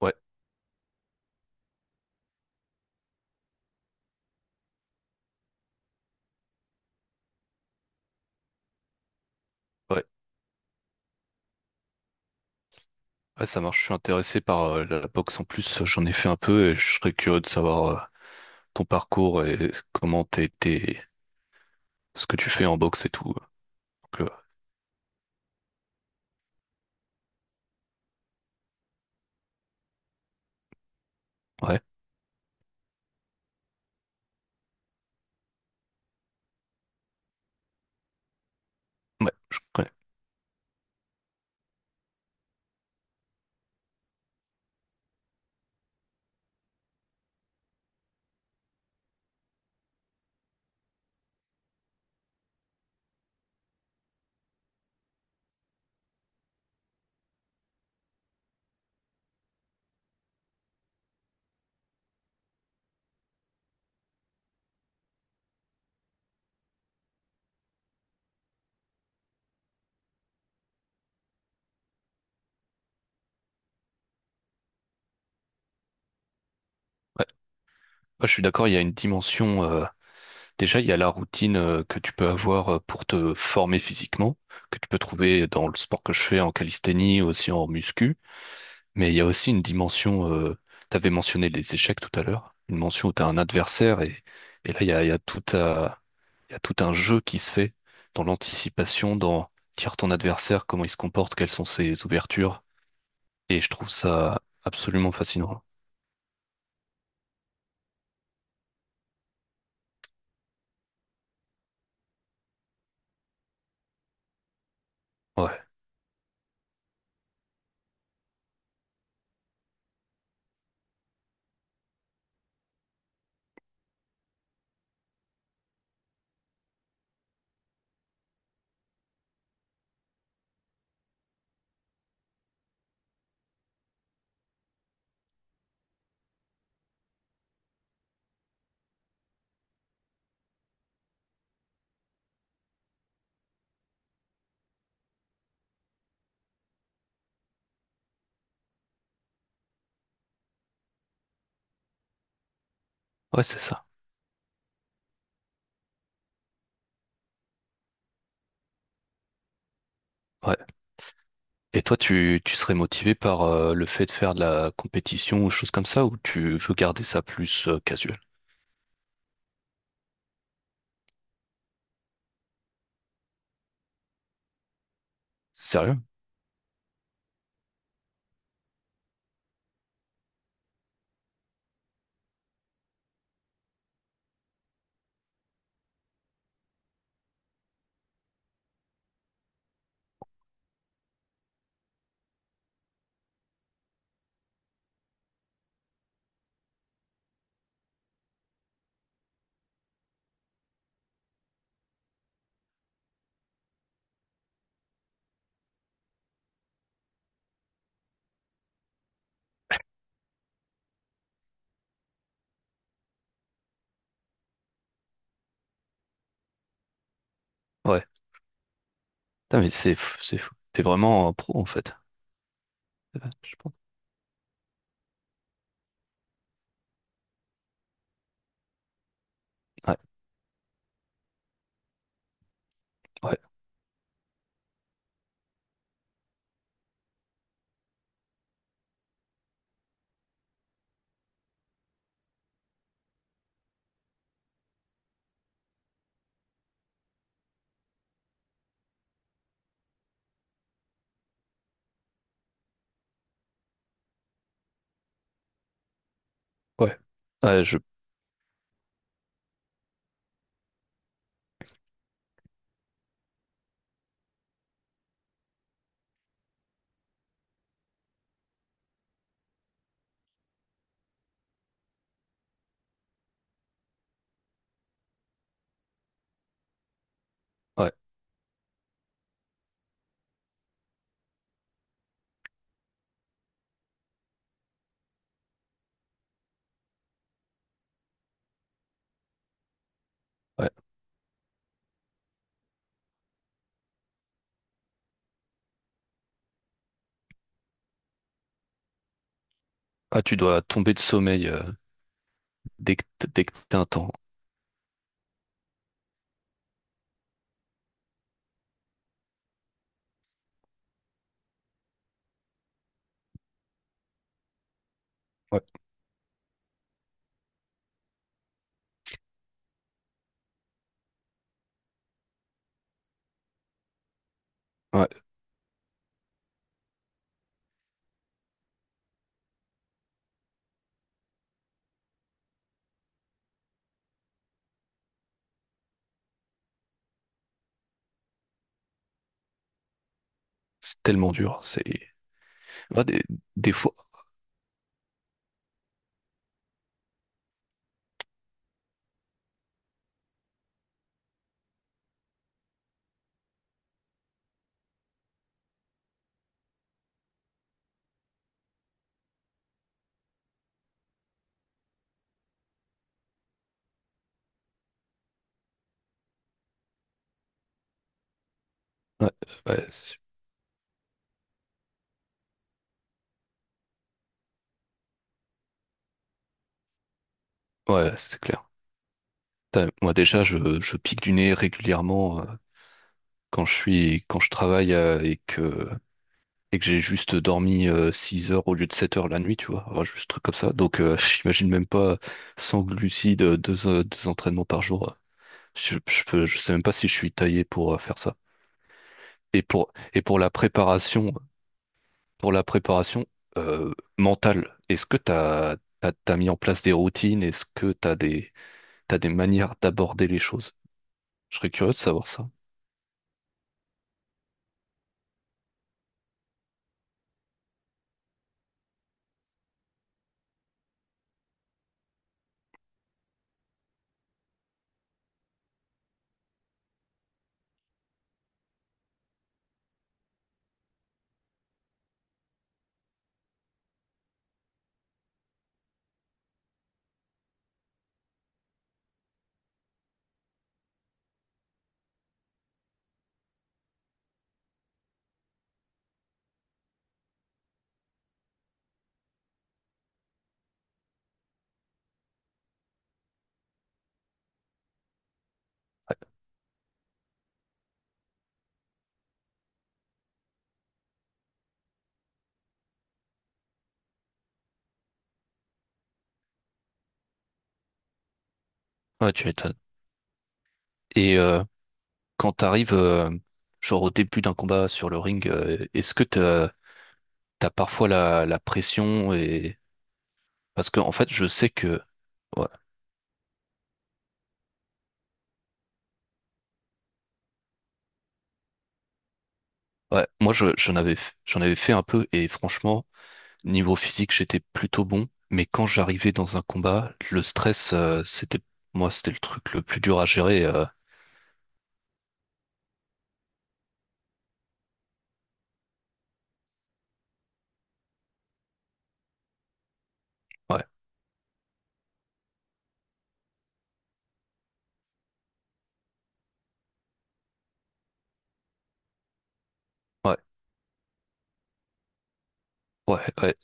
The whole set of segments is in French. Ouais, ouais, ouais, ça marche. Je suis intéressé par la boxe en plus. J'en ai fait un peu et je serais curieux de savoir ton parcours et ce que tu fais en boxe et tout. Donc, euh, ouais, ouais, je connais. Ouais. Ouais, je suis d'accord. Il y a une dimension, déjà, il y a la routine que tu peux avoir pour te former physiquement, que tu peux trouver dans le sport que je fais en calisthénie, aussi en muscu. Mais il y a aussi une dimension. T'avais mentionné les échecs tout à l'heure. Une mention où t'as un adversaire et là, il y a tout un jeu qui se fait dans l'anticipation, dans lire ton adversaire, comment il se comporte, quelles sont ses ouvertures. Et je trouve ça absolument fascinant. Ouais, ouais, c'est ça. Ouais. Et toi, tu serais motivé par le fait de faire de la compétition ou choses comme ça, ou tu veux garder ça plus casual? Sérieux? Ouais. Putain, mais c'est fou, c'est fou. T'es vraiment un pro en fait. Je pense. Ouais, ouais, ouais. Ouais, je. Ouais, ouais. Ah, tu dois tomber de sommeil dès que t'as un temps. Ouais. Ouais. C'est tellement dur. C'est moi, des fois. Ouais, ouais, c'est ouais, c'est clair. Putain, moi, déjà, je pique du nez régulièrement quand je suis, quand je travaille et que j'ai juste dormi six heures au lieu de 7 heures la nuit, tu vois. Enfin, juste un truc comme ça. Donc, j'imagine même pas sans glucides, deux entraînements par jour. Je sais même pas si je suis taillé pour faire ça. Et pour la préparation mentale, est-ce que t'as mis en place des routines? Est-ce que t'as des manières d'aborder les choses? Je serais curieux de savoir ça. Ouais, tu m'étonnes. Et quand t'arrives, genre au début d'un combat sur le ring, est-ce que t'as parfois la, la pression et parce que en fait, je sais que ouais, ouais, moi je, j'en avais fait un peu et franchement. Niveau physique, j'étais plutôt bon, mais quand j'arrivais dans un combat, le stress, c'était, moi, c'était le truc le plus dur à gérer. Ouais, ouais, ouais, ouais,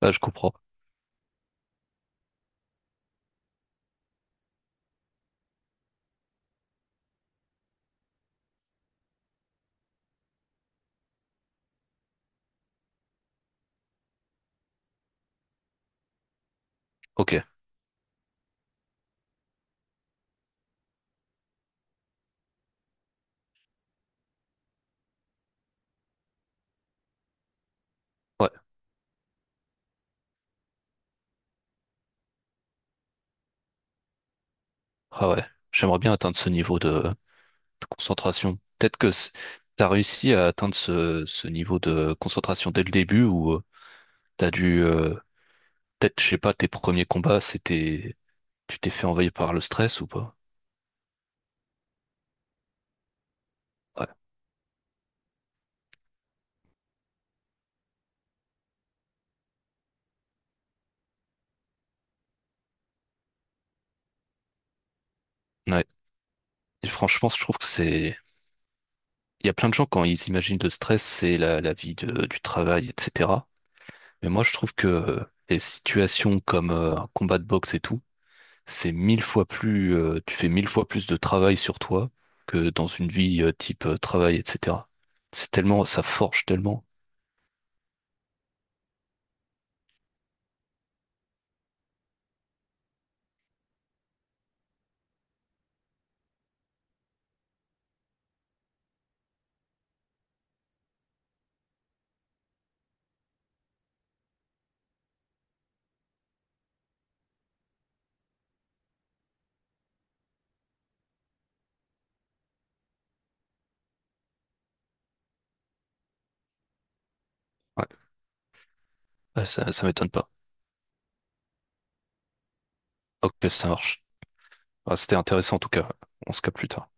Ah, je comprends. Ok, ouais, ah ouais. J'aimerais bien atteindre ce niveau de concentration. T'as réussi à atteindre ce, ce niveau de concentration dès le début ou t'as dû, peut-être, je sais pas, tes premiers combats, c'était, tu t'es fait envahir par le stress ou pas? Ouais, ouais. Et franchement, je trouve que c'est il y a plein de gens quand ils imaginent le stress, c'est la, la vie du travail, etc. Mais moi, je trouve que les situations comme un combat de boxe et tout, c'est mille fois plus, tu fais mille fois plus de travail sur toi que dans une vie type travail, etc. C'est tellement, ça forge tellement. Ouais, ouais, ça m'étonne pas. Ok, ça marche. Ah, c'était intéressant en tout cas. On se capte plus tard.